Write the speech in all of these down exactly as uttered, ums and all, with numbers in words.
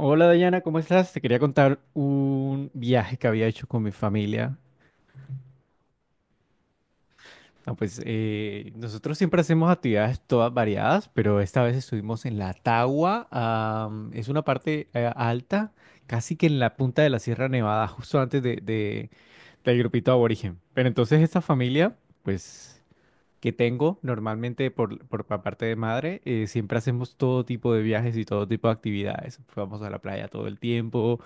Hola Dayana, ¿cómo estás? Te quería contar un viaje que había hecho con mi familia. Ah, pues eh, nosotros siempre hacemos actividades todas variadas, pero esta vez estuvimos en la Tagua. Am, es una parte eh, alta, casi que en la punta de la Sierra Nevada, justo antes de, de- del grupito aborigen. Pero entonces esta familia, pues que tengo normalmente por, por pa- parte de madre, eh, siempre hacemos todo tipo de viajes y todo tipo de actividades. Vamos a la playa todo el tiempo.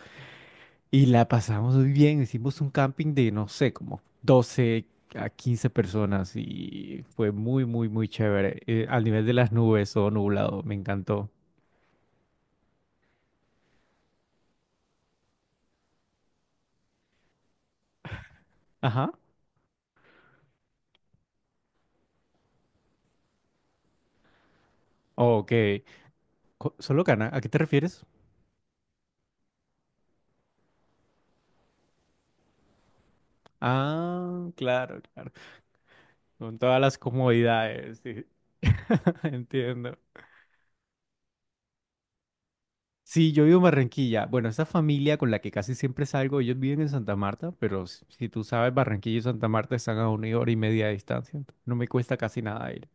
Y la pasamos muy bien, hicimos un camping de, no sé, como doce a quince personas y fue muy, muy, muy chévere. Eh, al nivel de las nubes, o nublado, me encantó. Ajá. Ok. Co- ¿Solo Cana? ¿A qué te refieres? Ah, claro, claro. Con todas las comodidades, sí. Entiendo. Sí, yo vivo en Barranquilla. Bueno, esa familia con la que casi siempre salgo, ellos viven en Santa Marta, pero si, si tú sabes, Barranquilla y Santa Marta están a una hora y media de distancia. Entonces no me cuesta casi nada ir.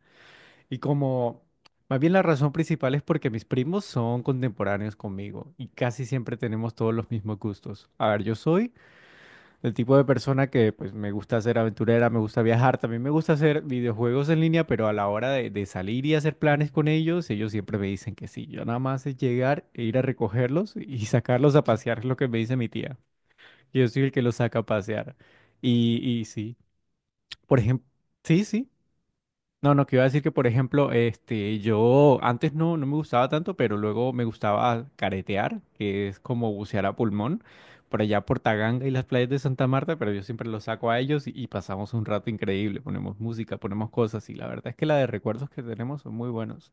Y como, más bien la razón principal es porque mis primos son contemporáneos conmigo y casi siempre tenemos todos los mismos gustos. A ver, yo soy el tipo de persona que pues me gusta ser aventurera, me gusta viajar, también me gusta hacer videojuegos en línea, pero a la hora de, de salir y hacer planes con ellos, ellos siempre me dicen que sí. Yo nada más es llegar e ir a recogerlos y sacarlos a pasear, es lo que me dice mi tía. Yo soy el que los saca a pasear. Y, y sí, por ejemplo, sí, sí. No, no, que iba a decir que, por ejemplo, este, yo antes no, no me gustaba tanto, pero luego me gustaba caretear, que es como bucear a pulmón, por allá por Taganga y las playas de Santa Marta, pero yo siempre los saco a ellos y, y pasamos un rato increíble, ponemos música, ponemos cosas y la verdad es que la de recuerdos que tenemos son muy buenos.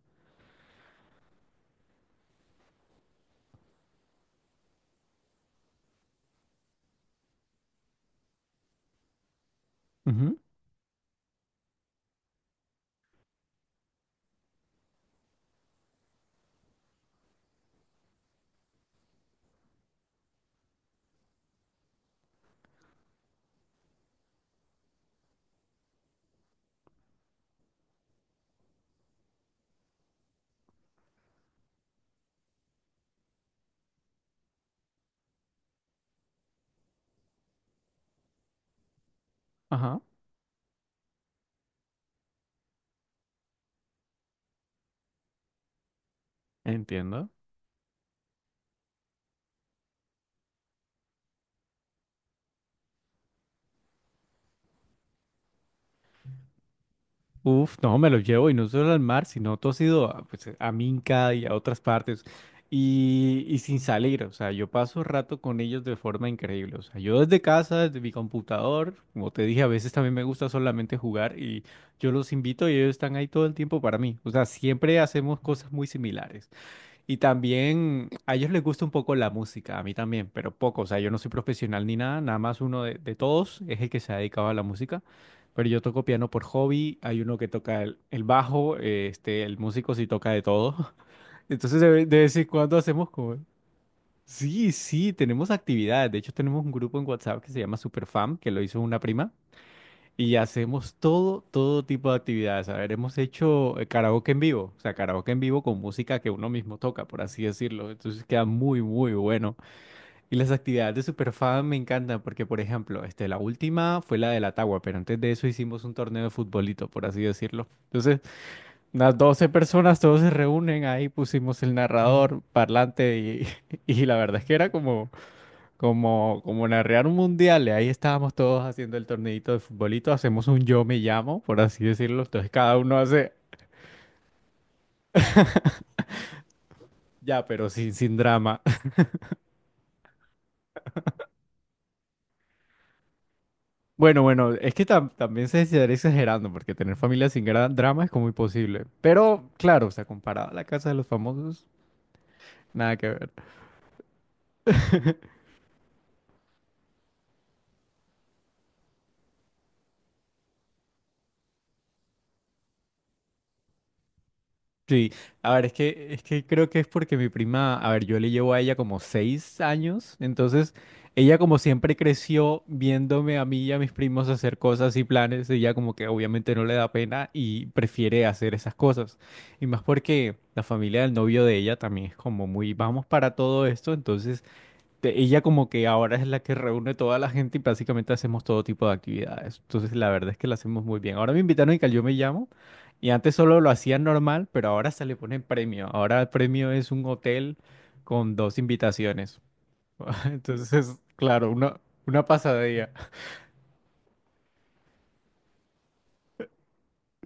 Ujú, ajá, entiendo. Uf, no, me lo llevo y no solo al mar, sino todo ha sido a, pues, a Minca y a otras partes y, y sin salir, o sea, yo paso rato con ellos de forma increíble, o sea, yo desde casa, desde mi computador, como te dije, a veces también me gusta solamente jugar y yo los invito y ellos están ahí todo el tiempo para mí, o sea, siempre hacemos cosas muy similares. Y también a ellos les gusta un poco la música, a mí también, pero poco. O sea, yo no soy profesional ni nada, nada más uno de, de todos es el que se ha dedicado a la música. Pero yo toco piano por hobby, hay uno que toca el, el bajo, eh, este, el músico sí toca de todo. Entonces de, ve- de vez en cuando hacemos como... Sí, sí, tenemos actividades. De hecho, tenemos un grupo en WhatsApp que se llama Superfam, que lo hizo una prima. Y hacemos todo, todo tipo de actividades. A ver, hemos hecho eh, karaoke en vivo, o sea, karaoke en vivo con música que uno mismo toca, por así decirlo. Entonces queda muy, muy bueno. Y las actividades de Superfan me encantan porque, por ejemplo, este, la última fue la de la Tagua, pero antes de eso hicimos un torneo de futbolito, por así decirlo. Entonces, unas doce personas, todos se reúnen, ahí pusimos el narrador, parlante y, y la verdad es que era como... Como, como narrar un mundial, y ahí estábamos todos haciendo el torneito de futbolito, hacemos un yo me llamo, por así decirlo, entonces cada uno hace ya, pero sin, sin drama. Bueno, bueno, es que tam- también se estaría exagerando, porque tener familia sin gran drama es como imposible. Pero claro, o sea, comparado a la casa de los famosos, nada que ver. Sí, a ver, es que, es que creo que es porque mi prima, a ver, yo le llevo a ella como seis años, entonces ella como siempre creció viéndome a mí y a mis primos hacer cosas y planes, ella como que obviamente no le da pena y prefiere hacer esas cosas. Y más porque la familia del novio de ella también es como muy, vamos para todo esto, entonces te- ella como que ahora es la que reúne toda la gente y básicamente hacemos todo tipo de actividades. Entonces la verdad es que lo hacemos muy bien. Ahora me invitaron y que al Yo Me Llamo, y antes solo lo hacían normal, pero ahora se le pone premio. Ahora el premio es un hotel con dos invitaciones. Entonces, claro, una, una pasadilla.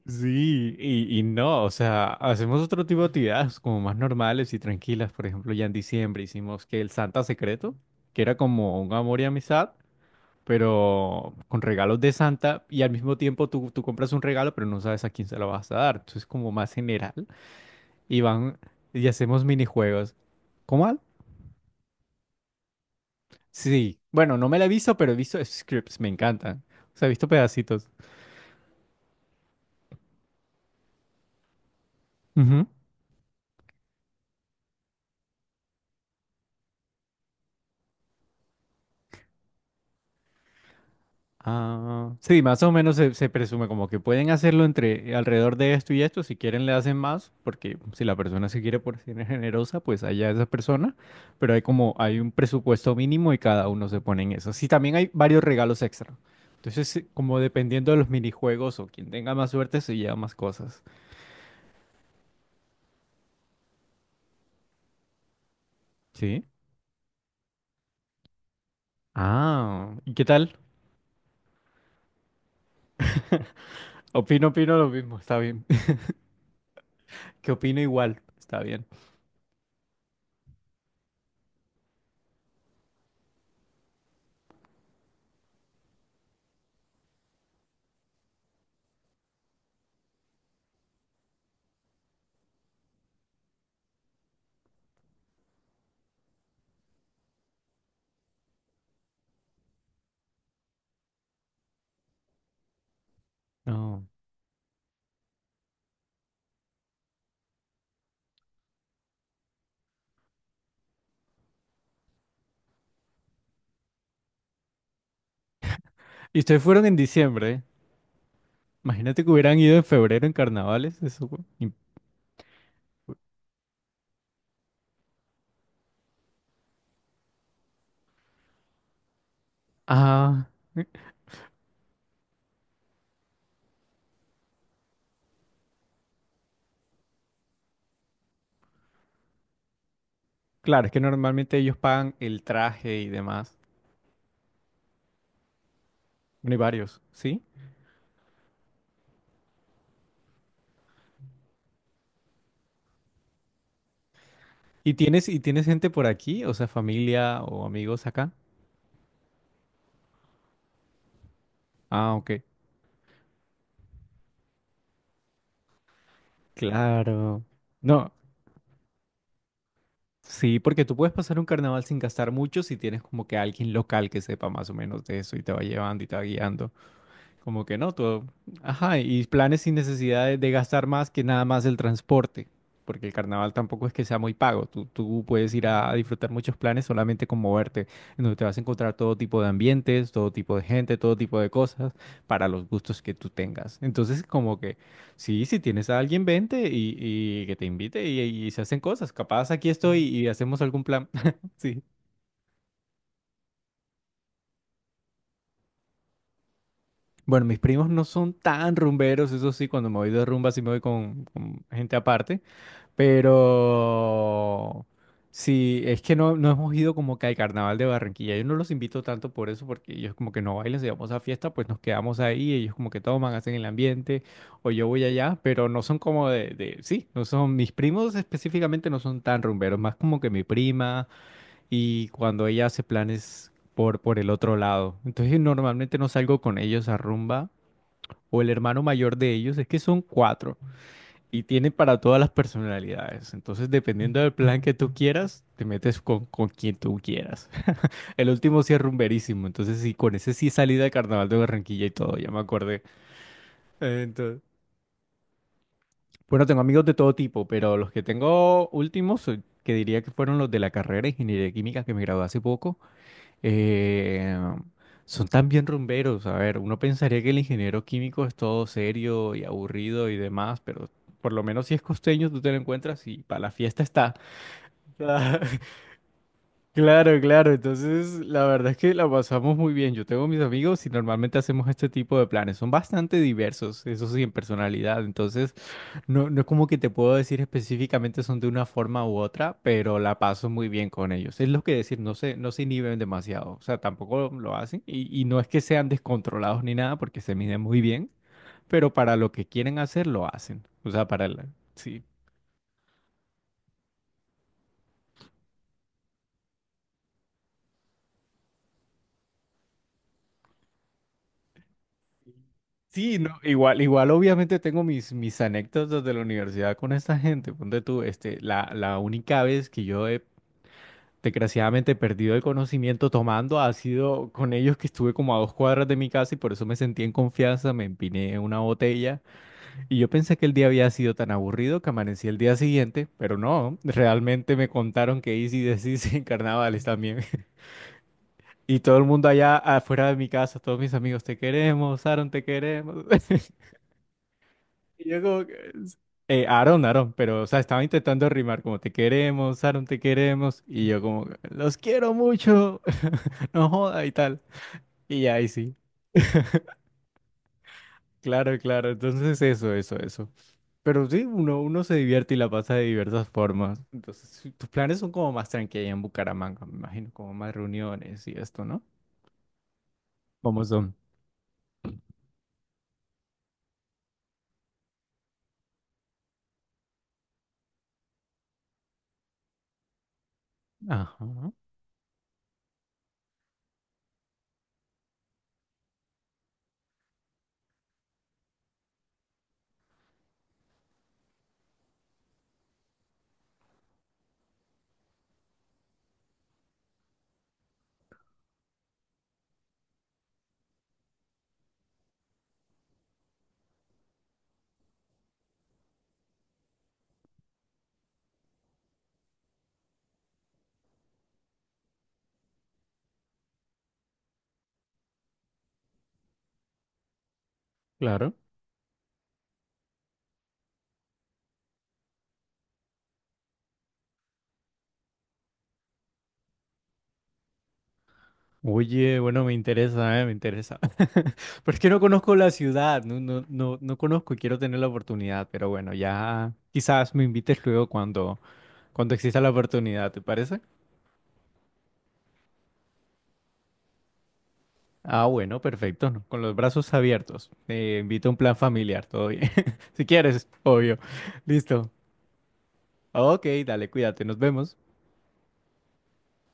Sí, y, y no, o sea, hacemos otro tipo de actividades como más normales y tranquilas. Por ejemplo, ya en diciembre hicimos que el Santa Secreto, que era como un amor y amistad, pero con regalos de Santa y al mismo tiempo tú, tú compras un regalo, pero no sabes a quién se lo vas a dar. Entonces, como más general, y van y hacemos minijuegos. ¿Cómo? ¿Al? Sí, bueno, no me la he visto, pero he visto scripts, me encantan. O sea, he visto pedacitos. Ujú. Ah, sí, más o menos se, se presume como que pueden hacerlo entre alrededor de esto y esto. Si quieren, le hacen más, porque si la persona se quiere por ser generosa, pues allá esa persona. Pero hay como hay un presupuesto mínimo y cada uno se pone en eso. Sí, también hay varios regalos extra. Entonces, sí, como dependiendo de los minijuegos o quien tenga más suerte, se lleva más cosas. Sí. Ah, ¿y qué tal? Opino, opino lo mismo, está bien. Que opino igual, está bien. No. Y ustedes fueron en diciembre. Imagínate que hubieran ido en febrero en carnavales. Eso fue im- ah, claro, es que normalmente ellos pagan el traje y demás. Bueno, hay varios, ¿sí? ¿Y tienes, y tienes gente por aquí? O sea, familia o amigos acá. Ah, ok. Claro. No, sí, porque tú puedes pasar un carnaval sin gastar mucho si tienes como que alguien local que sepa más o menos de eso y te va llevando y te va guiando. Como que no, todo. Ajá, y planes sin necesidad de, de gastar más que nada más el transporte, porque el carnaval tampoco es que sea muy pago. Tú, tú puedes ir a, a disfrutar muchos planes solamente con moverte, en donde te vas a encontrar todo tipo de ambientes, todo tipo de gente, todo tipo de cosas para los gustos que tú tengas. Entonces, como que sí, si tienes a alguien, vente y, y que te invite y, y se hacen cosas. Capaz aquí estoy y hacemos algún plan. Sí. Bueno, mis primos no son tan rumberos, eso sí, cuando me voy de rumba sí me voy con, con gente aparte. Pero sí, es que no, no hemos ido como que al carnaval de Barranquilla. Yo no los invito tanto por eso, porque ellos como que no bailan, si vamos a fiesta, pues nos quedamos ahí, ellos como que toman, hacen el ambiente, o yo voy allá, pero no son como de, de- sí, no son, mis primos específicamente no son tan rumberos, más como que mi prima y cuando ella hace planes por, por el otro lado. Entonces normalmente no salgo con ellos a rumba, o el hermano mayor de ellos, es que son cuatro. Y tiene para todas las personalidades. Entonces, dependiendo del plan que tú quieras, te metes con, con quien tú quieras. El último sí es rumberísimo. Entonces, sí, con ese sí salí del carnaval de Barranquilla y todo, ya me acordé. Eh, Entonces, bueno, tengo amigos de todo tipo, pero los que tengo últimos, eh, que diría que fueron los de la carrera de Ingeniería Química que me gradué hace poco, eh, son también rumberos. A ver, uno pensaría que el ingeniero químico es todo serio y aburrido y demás, pero por lo menos si es costeño, tú te lo encuentras y para la fiesta está. Ah, claro, claro. Entonces, la verdad es que la pasamos muy bien. Yo tengo mis amigos y normalmente hacemos este tipo de planes. Son bastante diversos, eso sí, en personalidad. Entonces, no, no es como que te puedo decir específicamente son de una forma u otra, pero la paso muy bien con ellos. Es lo que decir, no se, no se inhiben demasiado. O sea, tampoco lo hacen. Y, y no es que sean descontrolados ni nada, porque se miden muy bien, pero para lo que quieren hacer, lo hacen. O sea, para la... Sí. Sí, no, igual, igual obviamente tengo mis, mis anécdotas de la universidad con esta gente. Ponte tú, este, la, la única vez que yo he desgraciadamente perdido el conocimiento tomando ha sido con ellos que estuve como a dos cuadras de mi casa y por eso me sentí en confianza, me empiné una botella y yo pensé que el día había sido tan aburrido que amanecí el día siguiente, pero no, realmente me contaron que hice y deshice en carnavales también. Y todo el mundo allá afuera de mi casa, todos mis amigos, te queremos, Aaron, te queremos. Y yo como que... Eh, Aaron, Aaron, pero, o sea, estaba intentando rimar como te queremos, Aaron, te queremos. Y yo como, los quiero mucho, no joda y tal. Y ya, ahí sí, claro, claro. Entonces eso, eso, eso. Pero sí, uno, uno se divierte y la pasa de diversas formas. Entonces, sí, tus planes son como más tranquilos en Bucaramanga, me imagino, como más reuniones y esto, ¿no? ¿Cómo son? Ajá, claro. Oye, bueno, me interesa, ¿eh? Me interesa. Pero es que no conozco la ciudad, no, no, no, no conozco y quiero tener la oportunidad, pero bueno, ya quizás me invites luego cuando, cuando exista la oportunidad, ¿te parece? Ah, bueno, perfecto, ¿no? Con los brazos abiertos. Te invito a un plan familiar, todo bien. Si quieres, obvio. Listo. Ok, dale, cuídate, nos vemos.